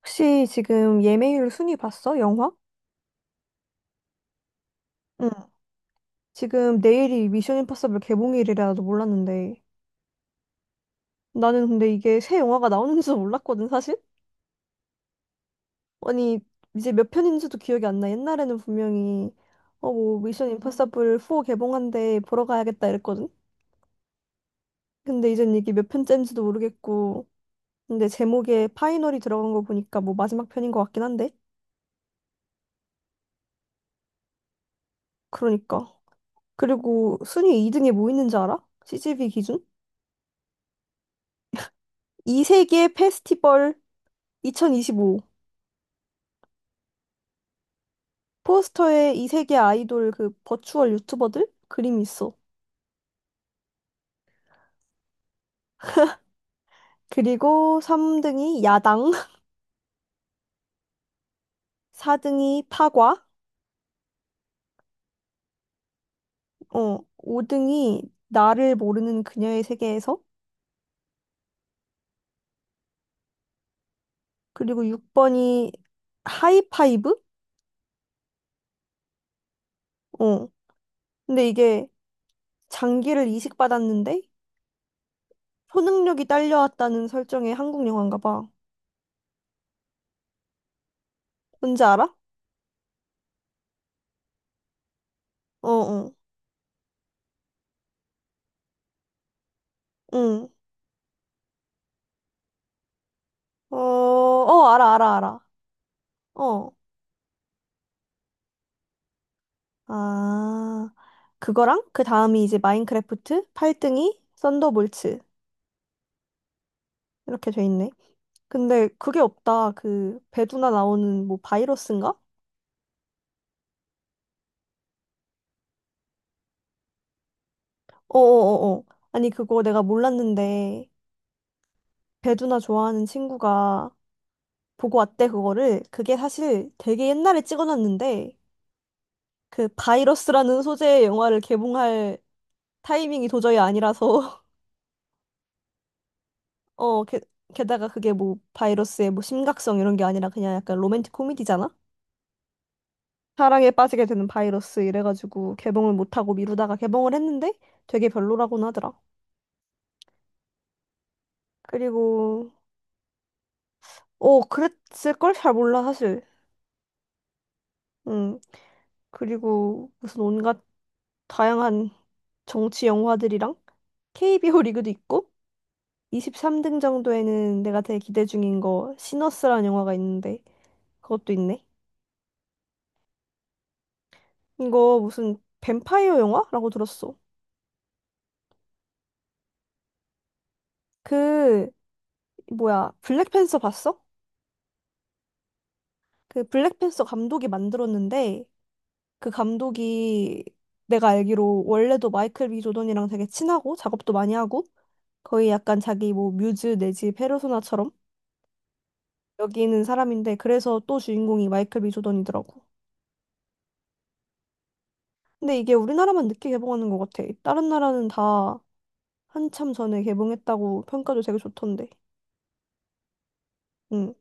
혹시 지금 예매율 순위 봤어? 영화? 응. 지금 내일이 미션 임파서블 개봉일이라도 몰랐는데. 나는 근데 이게 새 영화가 나오는지도 몰랐거든, 사실? 아니, 이제 몇 편인지도 기억이 안 나. 옛날에는 분명히 뭐 미션 임파서블 4 개봉한데 보러 가야겠다 이랬거든? 근데 이젠 이게 몇 편째인지도 모르겠고. 근데 제목에 파이널이 들어간 거 보니까 뭐 마지막 편인 것 같긴 한데. 그러니까. 그리고 순위 2등에 뭐 있는지 알아? CGV 기준? 이 세계 페스티벌 2025. 포스터에 이 세계 아이돌 그 버추얼 유튜버들 그림이 있어. 그리고 3등이 야당, 4등이 파과, 5등이 나를 모르는 그녀의 세계에서, 그리고 6번이 하이파이브? 어. 근데 이게 장기를 이식받았는데 초능력이 딸려왔다는 설정의 한국 영화인가 봐. 뭔지 알아? 어, 어, 응. 어, 어, 알아, 알아, 알아. 어. 아. 그거랑 그 다음이 이제 마인크래프트, 8등이, 썬더볼츠, 이렇게 돼 있네. 근데 그게 없다. 그 배두나 나오는 뭐 바이러스인가? 어어어어. 아니 그거 내가 몰랐는데 배두나 좋아하는 친구가 보고 왔대 그거를. 그게 사실 되게 옛날에 찍어놨는데 그 바이러스라는 소재의 영화를 개봉할 타이밍이 도저히 아니라서 어 게, 게다가 그게 뭐 바이러스의 뭐 심각성 이런 게 아니라 그냥 약간 로맨틱 코미디잖아. 사랑에 빠지게 되는 바이러스 이래가지고 개봉을 못하고 미루다가 개봉을 했는데 되게 별로라고는 하더라. 그리고 그랬을걸? 잘 몰라 사실. 음 그리고 무슨 온갖 다양한 정치 영화들이랑 KBO 리그도 있고 23등 정도에는 내가 되게 기대 중인 거 시너스라는 영화가 있는데 그것도 있네. 이거 무슨 뱀파이어 영화라고 들었어. 그, 뭐야, 블랙팬서 봤어? 그 블랙팬서 감독이 만들었는데 그 감독이 내가 알기로 원래도 마이클 B 조던이랑 되게 친하고 작업도 많이 하고 거의 약간 자기 뭐 뮤즈 내지 페르소나처럼 여기는 사람인데, 그래서 또 주인공이 마이클 B 조던이더라고. 근데 이게 우리나라만 늦게 개봉하는 것 같아. 다른 나라는 다 한참 전에 개봉했다고, 평가도 되게 좋던데. 응.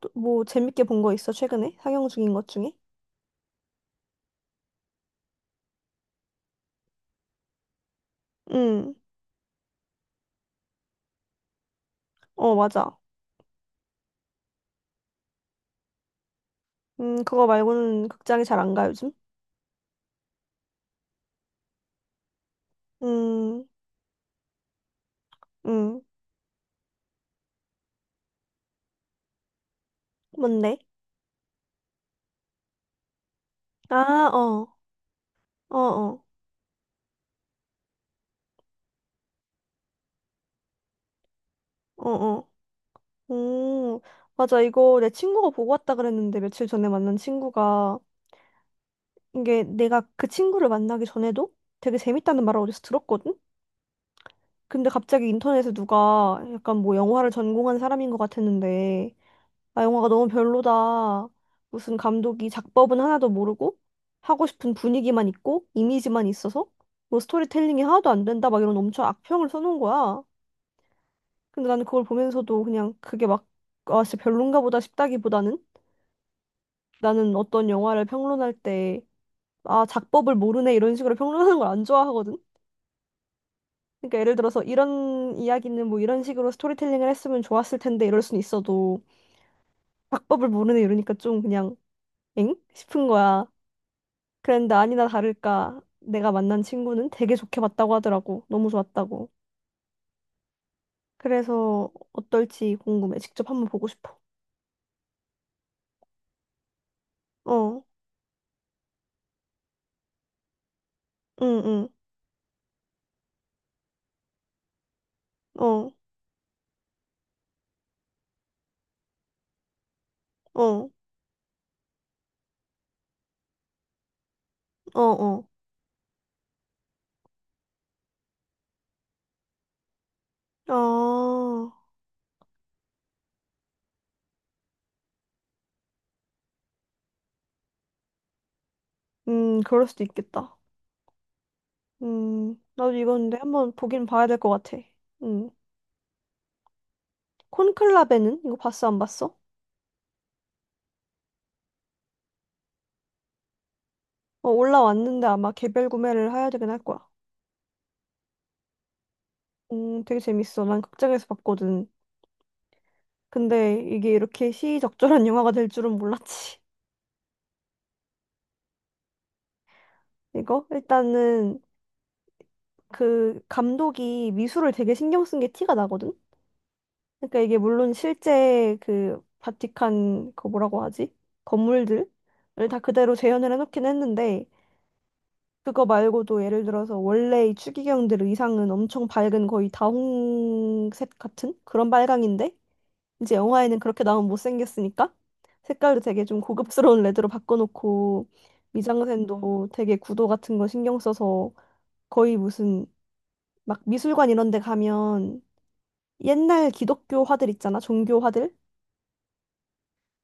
또뭐 재밌게 본 거 있어, 최근에 상영 중인 것 중에? 응. 어, 맞아. 그거 말고는 극장에 잘 안 가 요즘. 음. 음. 뭔데? 아, 어. 어, 어, 어어. 오, 맞아. 이거 내 친구가 보고 왔다 그랬는데, 며칠 전에 만난 친구가, 이게 내가 그 친구를 만나기 전에도 되게 재밌다는 말을 어디서 들었거든? 근데 갑자기 인터넷에 누가, 약간 뭐 영화를 전공한 사람인 것 같았는데, 아, 영화가 너무 별로다, 무슨 감독이 작법은 하나도 모르고 하고 싶은 분위기만 있고 이미지만 있어서 뭐 스토리텔링이 하나도 안 된다, 막 이런 엄청 악평을 써놓은 거야. 근데 나는 그걸 보면서도 그냥 그게 막, 아, 진짜 별론가 보다 싶다기보다는, 나는 어떤 영화를 평론할 때, 아, 작법을 모르네, 이런 식으로 평론하는 걸 안 좋아하거든? 그러니까 예를 들어서 이런 이야기는 뭐 이런 식으로 스토리텔링을 했으면 좋았을 텐데 이럴 순 있어도, 작법을 모르네 이러니까 좀 그냥 엥? 싶은 거야. 그랬는데 아니나 다를까 내가 만난 친구는 되게 좋게 봤다고 하더라고. 너무 좋았다고. 그래서 어떨지 궁금해. 직접 한번 보고 싶어. 어, 응, 응, 어, 어, 어, 어. 아, 그럴 수도 있겠다. 나도 이거 근데 한번 보긴 봐야 될 것 같아. 음, 콘클라베는? 이거 봤어, 안 봤어? 어, 올라왔는데 아마 개별 구매를 해야 되긴 할 거야. 되게 재밌어. 난 극장에서 봤거든. 근데 이게 이렇게 시의적절한 영화가 될 줄은 몰랐지. 이거? 일단은 그 감독이 미술을 되게 신경 쓴 게 티가 나거든? 그러니까 이게 물론 실제 그 바티칸, 그 뭐라고 하지, 건물들? 을 다 그대로 재현을 해놓긴 했는데, 그거 말고도 예를 들어서 원래 이 추기경들 의상은 엄청 밝은 거의 다홍색 같은 그런 빨강인데 이제 영화에는 그렇게 나오면 못생겼으니까 색깔도 되게 좀 고급스러운 레드로 바꿔놓고, 미장센도 되게 구도 같은 거 신경 써서 거의 무슨 막 미술관 이런 데 가면 옛날 기독교 화들 있잖아, 종교 화들,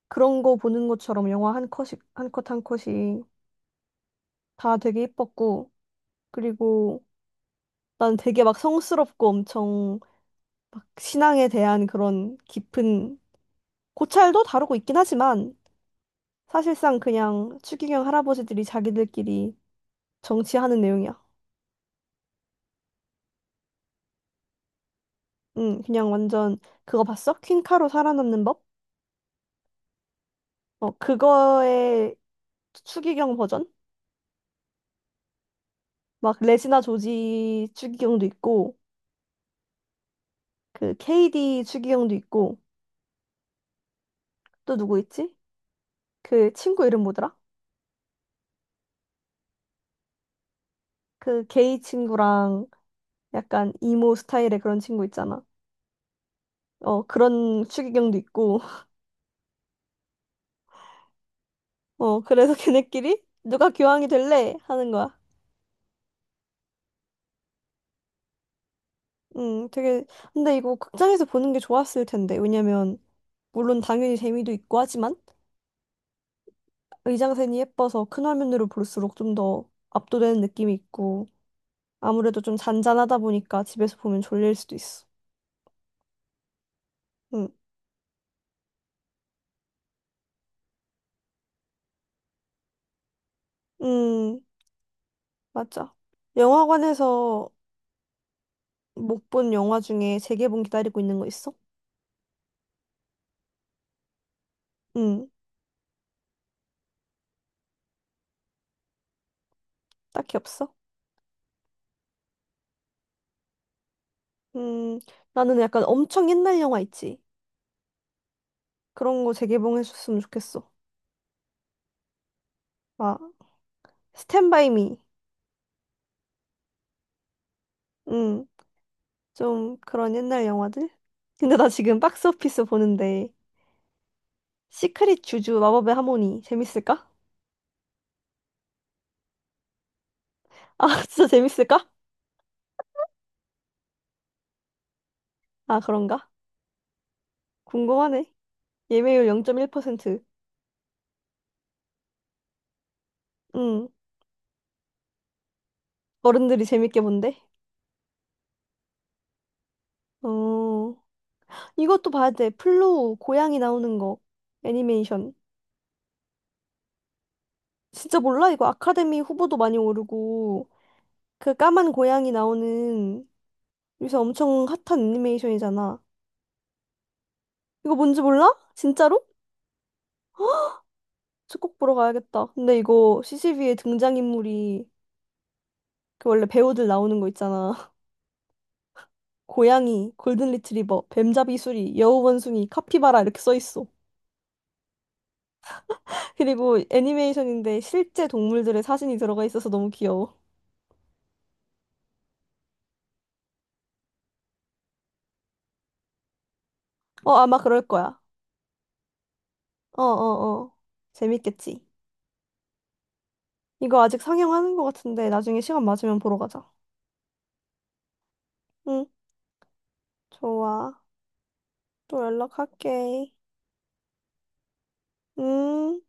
그런 거 보는 것처럼 영화 한 컷이 한 컷 한 컷이 다 되게 예뻤고, 그리고 난 되게 막 성스럽고 엄청 막 신앙에 대한 그런 깊은 고찰도 다루고 있긴 하지만, 사실상 그냥 추기경 할아버지들이 자기들끼리 정치하는 내용이야. 응, 그냥 완전, 그거 봤어? 퀸카로 살아남는 법? 어, 그거의 추기경 버전? 막 레지나 조지 추기경도 있고 그 KD 추기경도 있고, 또 누구 있지? 그 친구 이름 뭐더라? 그 게이 친구랑 약간 이모 스타일의 그런 친구 있잖아, 어, 그런 추기경도 있고. 어, 그래서 걔네끼리 누가 교황이 될래 하는 거야. 되게, 근데 이거 극장에서 보는 게 좋았을 텐데. 왜냐면 물론 당연히 재미도 있고 하지만 의장센이 예뻐서 큰 화면으로 볼수록 좀 더 압도되는 느낌이 있고, 아무래도 좀 잔잔하다 보니까 집에서 보면 졸릴 수도 있어. 음. 음, 맞아. 영화관에서 못 본 영화 중에 재개봉 기다리고 있는 거 있어? 음, 딱히 없어? 음, 나는 약간 엄청 옛날 영화 있지. 그런 거 재개봉해줬으면 좋겠어. 막 스탠바이 미. 음. 좀 그런 옛날 영화들? 근데 나 지금 박스 오피스 보는데, 시크릿 주주 마법의 하모니 재밌을까? 아, 진짜 재밌을까? 아, 그런가? 궁금하네. 예매율 0.1%. 음. 어른들이 재밌게 본대. 어. 이것도 봐야 돼. 플로우, 고양이 나오는 거. 애니메이션. 진짜 몰라? 이거 아카데미 후보도 많이 오르고, 그 까만 고양이 나오는 요새 엄청 핫한 애니메이션이잖아. 이거 뭔지 몰라? 진짜로? 저꼭 보러 가야겠다. 근데 이거 CCV의 등장인물이 그 원래 배우들 나오는 거 있잖아. 고양이, 골든 리트리버, 뱀잡이 수리, 여우 원숭이, 카피바라, 이렇게 써 있어. 그리고 애니메이션인데 실제 동물들의 사진이 들어가 있어서 너무 귀여워. 어, 아마 그럴 거야. 어, 어, 어. 재밌겠지. 이거 아직 상영하는 거 같은데 나중에 시간 맞으면 보러 가자. 응, 좋아. 또 연락할게. 음.